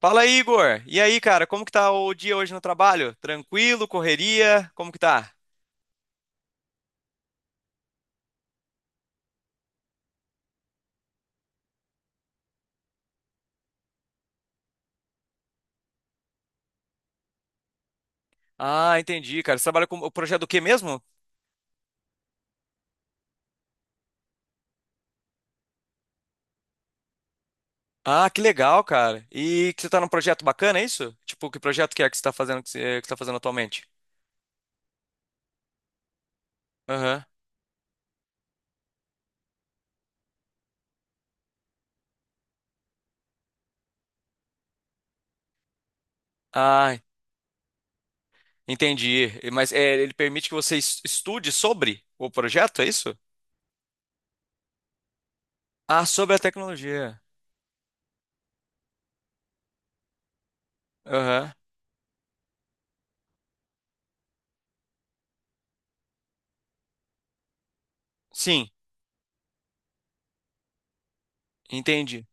Fala, Igor. E aí, cara, como que tá o dia hoje no trabalho? Tranquilo, correria? Como que tá? Ah, entendi, cara. Você trabalha com o projeto do quê mesmo? Ah, que legal, cara. E que você tá num projeto bacana, é isso? Tipo, que projeto que é que você tá fazendo que você tá fazendo atualmente? Aham. Ah, entendi. E- Mas é, ele permite que você estude sobre o projeto, é isso? Ah, sobre a tecnologia. Aham. Sim, entendi.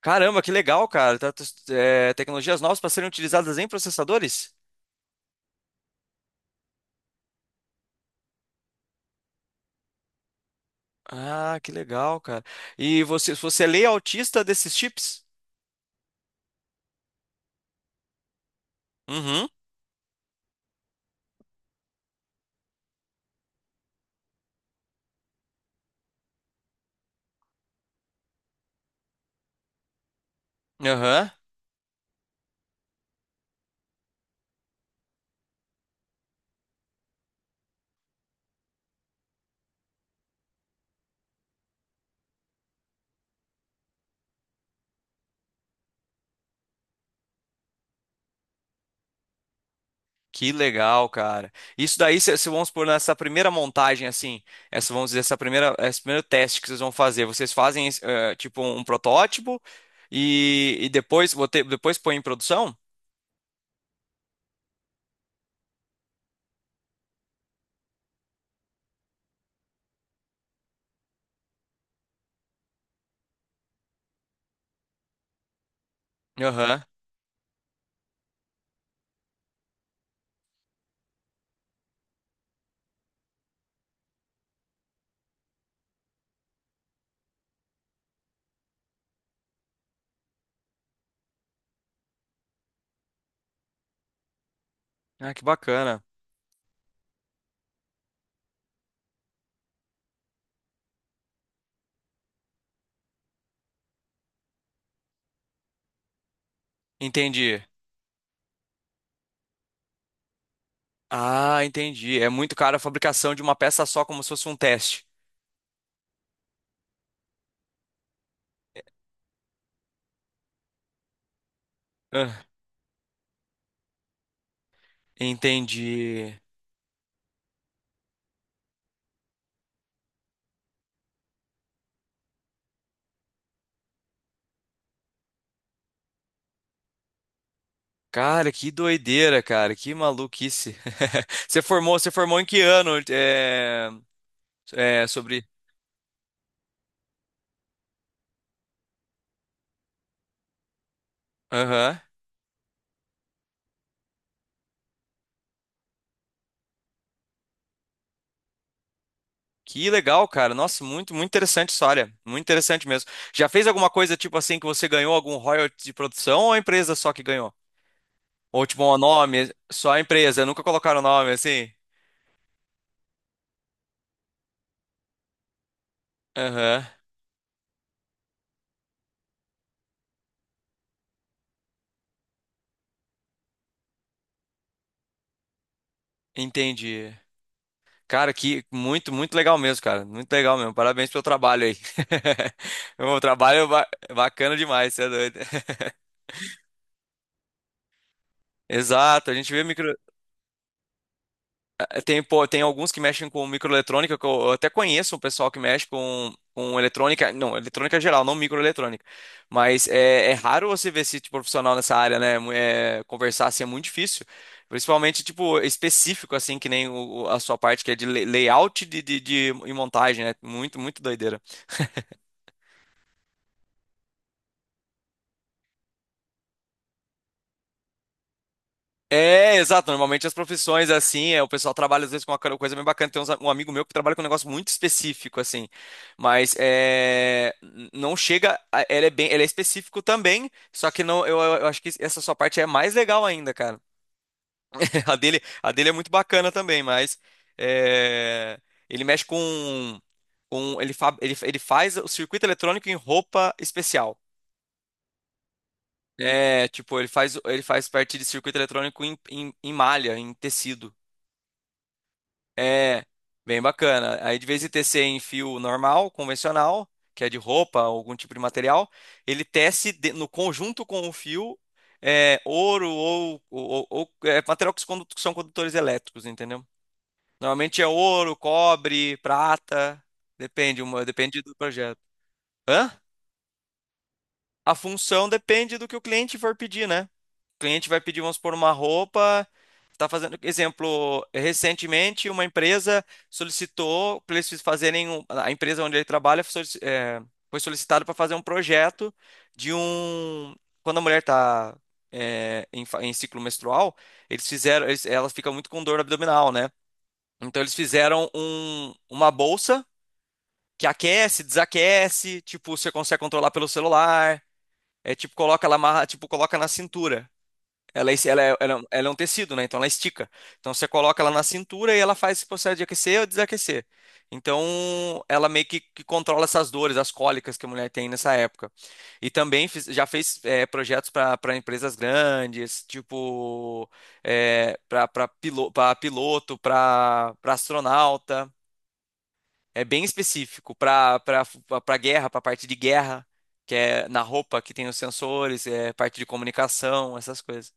Caramba, que legal, cara. É, tecnologias novas para serem utilizadas em processadores? Ah, que legal, cara. E você é lei autista desses chips? Uhum. Aham. Que legal, cara. Isso daí, se vamos supor, nessa primeira montagem, assim, essa, vamos dizer, essa primeira, esse primeiro teste que vocês vão fazer, vocês fazem, tipo, um protótipo e depois, depois põe em produção? Aham. Ah, que bacana. Entendi. Ah, entendi. É muito caro a fabricação de uma peça só, como se fosse um teste. Ah, entendi. Cara, que doideira, cara, que maluquice. Você formou em que ano? Sobre. Aham. Que legal, cara. Nossa, muito interessante a história. Muito interessante mesmo. Já fez alguma coisa tipo assim que você ganhou algum royalty de produção ou a empresa só que ganhou? Ou tipo um nome, só a empresa, nunca colocaram nome assim? Aham. Entendi. Cara, que muito legal mesmo, cara. Muito legal mesmo. Parabéns pelo trabalho aí. O trabalho ba- bacana demais, você é doido. Exato, a gente vê micro... tem, pô, tem alguns que mexem com microeletrônica, que eu até conheço um pessoal que mexe com eletrônica, não, eletrônica geral, não microeletrônica. Mas é, é raro você ver esse tipo de profissional nessa área, né? é, conversar assim é muito difícil, principalmente tipo específico assim, que nem a sua parte que é de layout de, e montagem, né? Muito doideira. É, exato. Normalmente as profissões, assim, é, o pessoal trabalha às vezes com uma coisa bem bacana. Tem um amigo meu que trabalha com um negócio muito específico, assim. Mas é, não chega. Ele é bem, ele é específico também. Só que não, eu, eu acho que essa sua parte é mais legal ainda, cara. A dele é muito bacana também, mas é, ele mexe com ele, fa, ele faz o circuito eletrônico em roupa especial. É, tipo, ele faz parte de circuito eletrônico em, em, em malha, em tecido. É, bem bacana. Aí de vez de tecer em fio normal, convencional, que é de roupa, algum tipo de material, ele no conjunto com o fio é, ouro ou, é, material que se que são condutores elétricos, entendeu? Normalmente é ouro, cobre, prata, depende, uma, depende do projeto. Hã? A função depende do que o cliente for pedir, né? O cliente vai pedir, vamos supor, uma roupa. Está fazendo, exemplo, recentemente uma empresa solicitou para eles a empresa onde ele trabalha foi foi solicitado para fazer um projeto de um quando a mulher está em, em ciclo menstrual, eles fizeram, eles, ela fica muito com dor abdominal, né? Então eles fizeram um, uma bolsa que aquece, desaquece, tipo, você consegue controlar pelo celular. É tipo, coloca, ela amarra, tipo, coloca na cintura. Ela, é ela, ela é um tecido, né? Então ela estica. Então você coloca ela na cintura e ela faz esse processo de aquecer ou desaquecer. Então ela meio que controla essas dores, as cólicas que a mulher tem nessa época. E também já fez projetos para para empresas grandes, tipo, para piloto, para astronauta. É bem específico para para guerra, para parte de guerra, que é na roupa que tem os sensores, é parte de comunicação, essas coisas.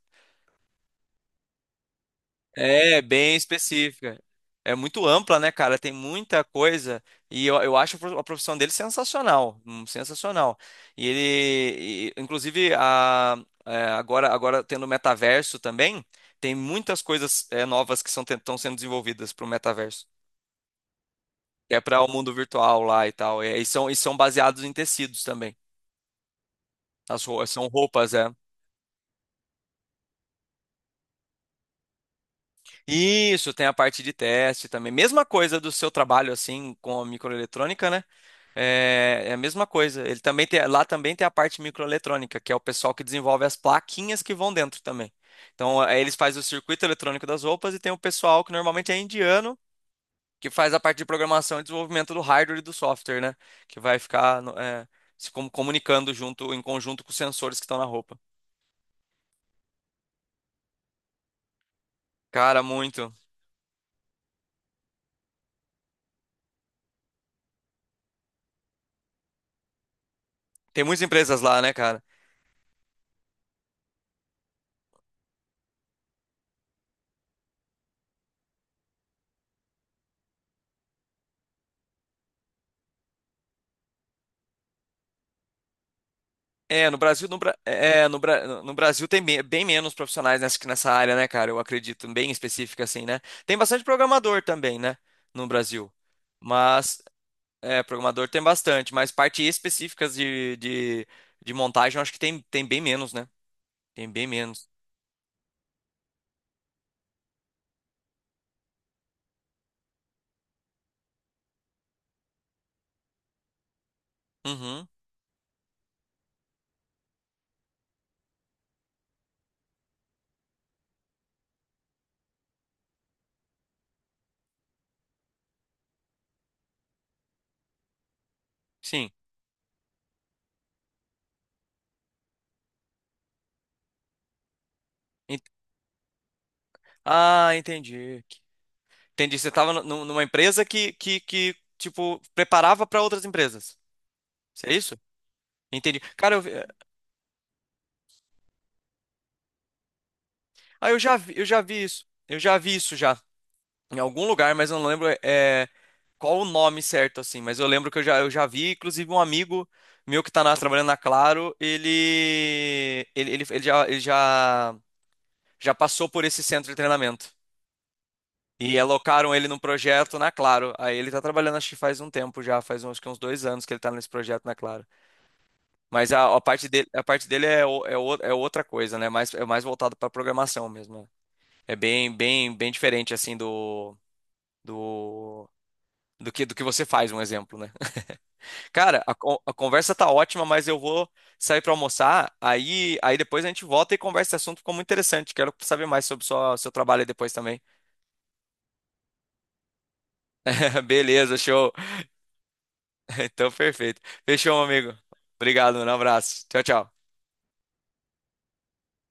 É bem específica. É muito ampla, né, cara? Tem muita coisa. E eu acho a profissão dele sensacional. Sensacional. E ele, e, inclusive, a, é, agora tendo o metaverso também, tem muitas coisas é, novas que são, estão sendo desenvolvidas para o metaverso. É para o mundo virtual lá e tal. É, e são baseados em tecidos também. As roupas são roupas, é. Isso, tem a parte de teste também. Mesma coisa do seu trabalho, assim, com a microeletrônica, né? É, é a mesma coisa. Ele também tem, lá também tem a parte microeletrônica, que é o pessoal que desenvolve as plaquinhas que vão dentro também. Então, aí eles fazem o circuito eletrônico das roupas e tem o pessoal que normalmente é indiano, que faz a parte de programação e desenvolvimento do hardware e do software, né? Que vai ficar, é, se comunicando junto, em conjunto com os sensores que estão na roupa. Cara, muito. Tem muitas empresas lá, né, cara? É, no Brasil, no Brasil tem bem, bem menos profissionais nessa, que nessa área, né, cara? Eu acredito, bem específica assim, né? Tem bastante programador também, né, no Brasil. Mas, é, programador tem bastante, mas parte específicas de montagem, eu acho que tem, tem bem menos, né? Tem bem menos. Uhum, sim. Ent- Ah, entendi. Entendi, você estava numa empresa que tipo, preparava para outras empresas. Isso É isso? Entendi. Cara, eu, é, ah, eu já vi isso. Eu já vi isso já. Em algum lugar, mas eu não lembro é, qual o nome certo, assim. Mas eu lembro que eu já vi, inclusive, um amigo meu que trabalhando na Claro, ele já, já passou por esse centro de treinamento. E alocaram ele num projeto na Claro. Aí ele tá trabalhando, acho que faz um tempo já, faz uns, acho que uns dois anos que ele tá nesse projeto na Claro. Mas a parte dele é, o- é outra coisa, né? Mais, é mais voltado para programação mesmo. Né? É bem, bem, bem diferente, assim, do, do do que você faz, um exemplo, né? Cara, a, a conversa tá ótima, mas eu vou sair para almoçar, aí depois a gente volta e conversa esse assunto, ficou muito interessante. Quero saber mais sobre sua, seu trabalho aí depois também. Beleza, show. Então, perfeito. Fechou, meu amigo. Obrigado, um abraço. Tchau, tchau.